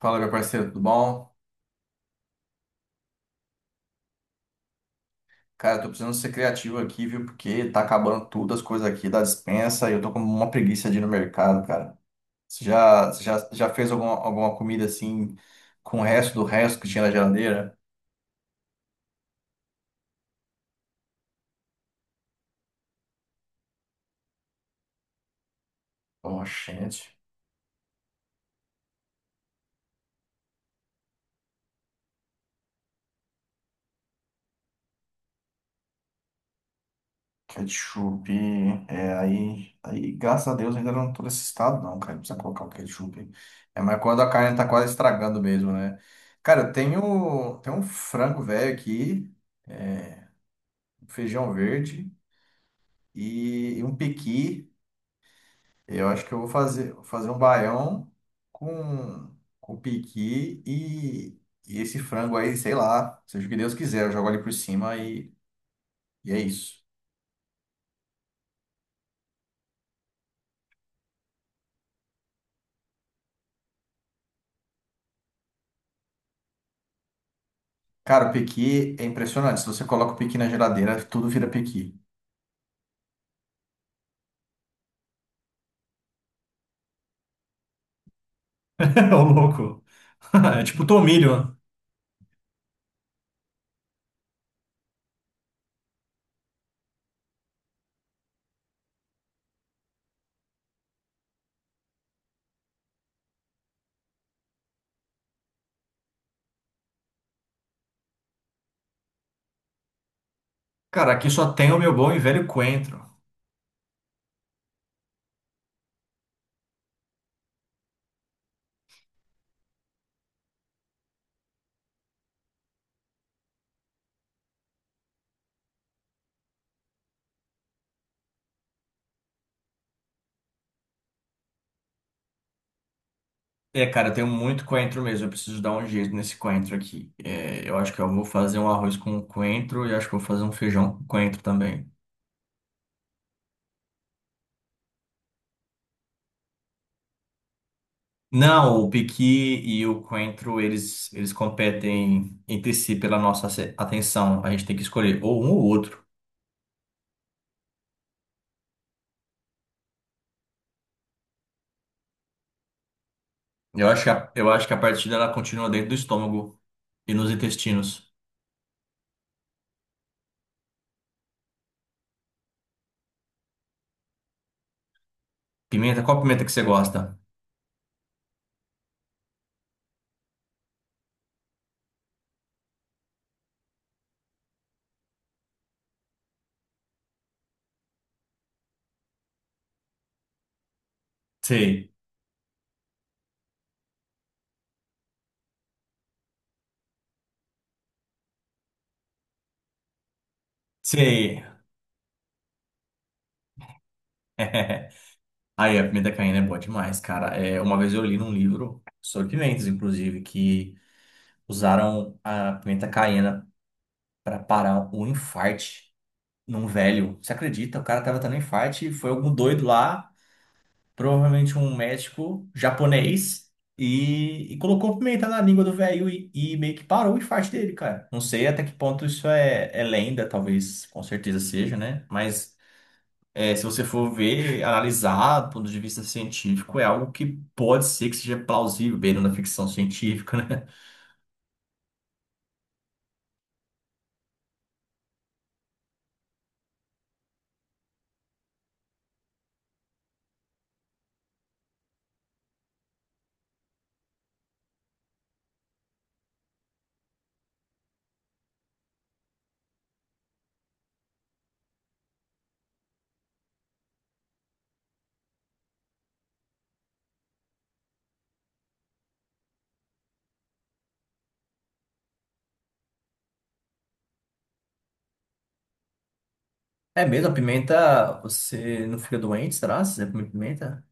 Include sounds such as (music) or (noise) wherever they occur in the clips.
Fala, meu parceiro, tudo bom? Cara, eu tô precisando ser criativo aqui, viu? Porque tá acabando tudo as coisas aqui da despensa e eu tô com uma preguiça de ir no mercado, cara. Você já fez alguma comida assim com o resto do resto que tinha na geladeira? Oh, gente, ketchup. É, aí, graças a Deus, ainda não tô nesse estado, não, cara. Não precisa colocar o ketchup. É, mas quando a carne tá quase estragando mesmo, né? Cara, eu tenho um frango velho aqui, um feijão verde e um pequi. Eu acho que eu vou fazer um baião com, com piqui e esse frango aí, sei lá, seja o que Deus quiser, eu jogo ali por cima e é isso. Cara, o pequi é impressionante. Se você coloca o pequi na geladeira, tudo vira pequi. (laughs) É o louco. Tipo tomilho. Cara, aqui só tem o meu bom e velho coentro. É, cara, eu tenho muito coentro mesmo. Eu preciso dar um jeito nesse coentro aqui. É, eu acho que eu vou fazer um arroz com coentro e acho que eu vou fazer um feijão com coentro também. Não, o piqui e o coentro, eles competem entre si pela nossa atenção. A gente tem que escolher ou um ou outro. Eu acho que a partida ela continua dentro do estômago e nos intestinos. Pimenta, qual pimenta que você gosta? Sei, sei. (laughs) Aí, a pimenta caína é boa demais, cara. É, uma vez eu li num livro sobre pimentas, inclusive, que usaram a pimenta caiena para parar um infarte num velho. Você acredita? O cara tava tendo um infarte e foi algum doido lá, provavelmente um médico japonês, e colocou pimenta na língua do velho e meio que parou o infarte dele, cara. Não sei até que ponto isso é lenda, talvez, com certeza seja, né? Mas é, se você for ver, analisar do ponto de vista científico, é algo que pode ser que seja plausível, beirando a ficção científica, né? É mesmo, a pimenta, você não fica doente, será? Se você comer pimenta?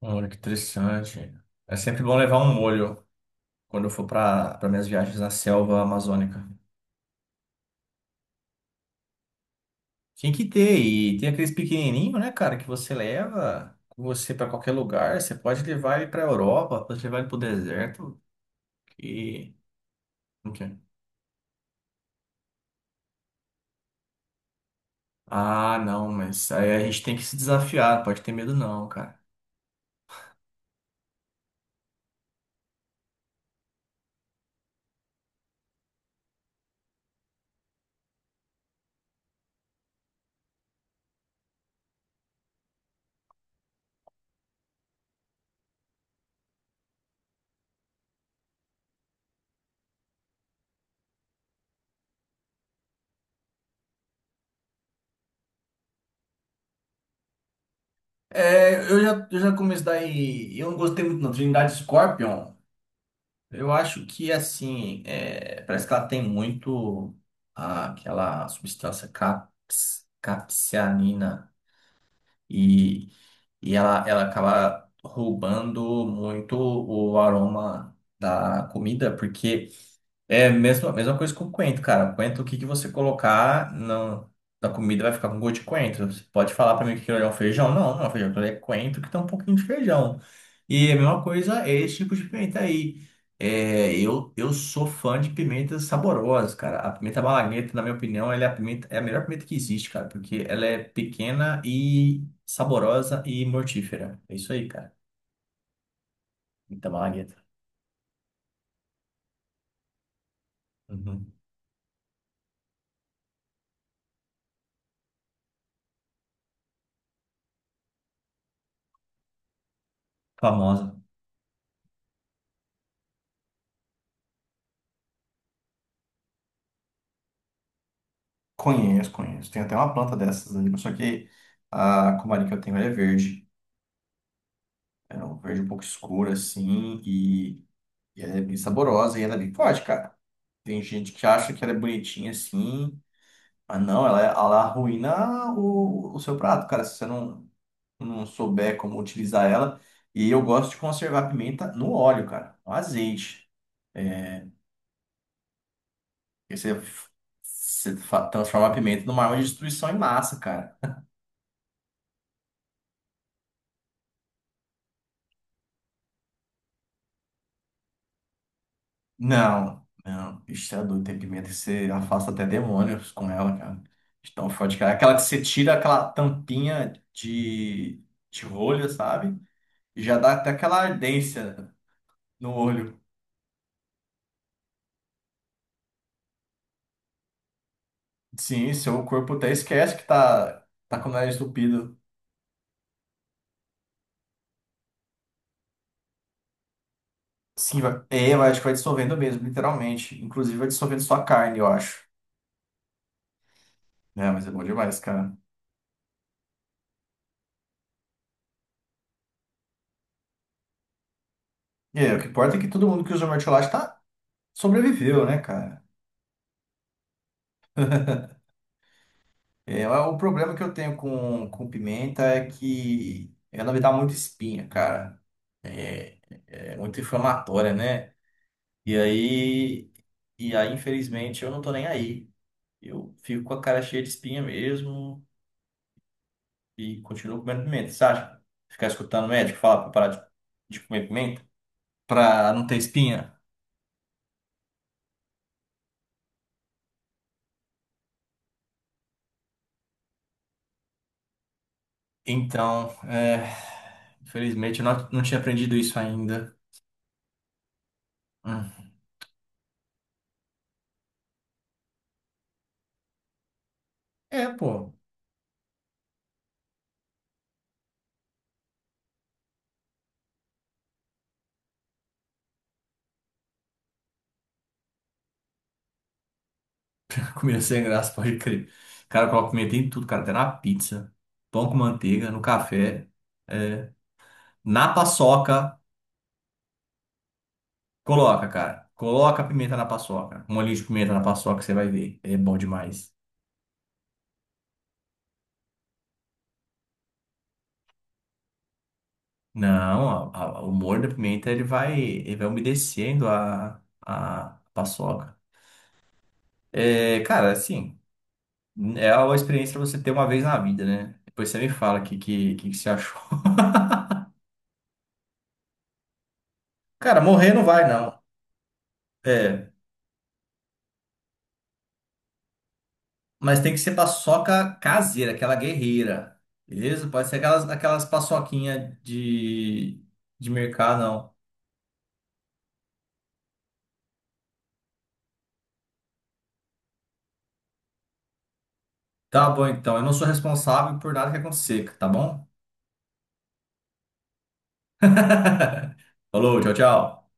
Olha, que interessante. É sempre bom levar um molho quando eu for para minhas viagens na selva amazônica. Tem que ter, e tem aqueles pequenininho, né, cara, que você leva com você para qualquer lugar. Você pode levar ele para Europa, pode levar ele para o deserto. Que... Não quer. Ah, não, mas aí a gente tem que se desafiar, pode ter medo não, cara. É, eu já comecei daí, eu não gostei muito não, Trindade Scorpion. Eu acho que assim, é, parece que ela tem muito aquela substância capsaicina e, e ela acaba roubando muito o aroma da comida, porque é a mesma coisa com o coentro, cara. Coentro, o que que você colocar na comida vai ficar com gosto de coentro. Você pode falar pra mim que aquilo ali é um feijão? Não, não é um feijão, aquilo ali é coentro que tem um pouquinho de feijão. E é a mesma coisa é esse tipo de pimenta aí. É, eu sou fã de pimentas saborosas, cara. A pimenta malagueta, na minha opinião, ela é a pimenta, é a melhor pimenta que existe, cara, porque ela é pequena e saborosa e mortífera. É isso aí, cara. Pimenta malagueta. Uhum. Famosa. Conheço, conheço. Tem até uma planta dessas ali, mas só que a comari que eu tenho ela é verde. É um verde um pouco escuro, assim, e ela é bem saborosa e ela é bem forte, cara. Tem gente que acha que ela é bonitinha assim, mas não, ela, é, ela arruína o seu prato, cara, se você não souber como utilizar ela. E eu gosto de conservar a pimenta no óleo, cara, no azeite. Porque você transforma a pimenta numa arma de destruição em massa, cara. Não, não. Isso é doido, tem pimenta que você afasta até demônios com ela, cara. De tão forte, cara. Aquela que você tira aquela tampinha de rolha, sabe? E já dá até aquela ardência no olho. Sim, seu corpo até esquece que tá com o nariz entupido. Sim, vai, é, mas acho que vai dissolvendo mesmo, literalmente. Inclusive vai dissolvendo sua carne, eu acho. É, mas é bom demais, cara. E aí, o que importa é que todo mundo que usa o mertiolate tá sobreviveu, né, cara? É, o problema que eu tenho com pimenta é que ela me dá muita espinha, cara. É, é muito inflamatória, né? E aí, e aí, infelizmente, eu não tô nem aí. Eu fico com a cara cheia de espinha mesmo e continuo comendo pimenta. Você acha? Ficar escutando o médico falar pra parar de comer pimenta pra não ter espinha. Então, é, infelizmente, eu não, não tinha aprendido isso ainda. Hum. É, pô. Comida sem graça, pode crer. (laughs) Cara, eu coloco pimenta em tudo, cara. Até na pizza, pão com manteiga, no café. É. Na paçoca, coloca, cara. Coloca pimenta na paçoca. Um olhinho de pimenta na paçoca, você vai ver. É bom demais. Não, o molho da pimenta, ele vai umedecendo a paçoca. É, cara, assim, é uma experiência pra você ter uma vez na vida, né? Depois você me fala o que, que que você achou. (laughs) Cara, morrer não vai, não. É. Mas tem que ser paçoca caseira, aquela guerreira. Beleza? Pode ser aquelas paçoquinhas de mercado, não. Tá bom, então. Eu não sou responsável por nada que acontecer, tá bom? (laughs) Falou, tchau, tchau.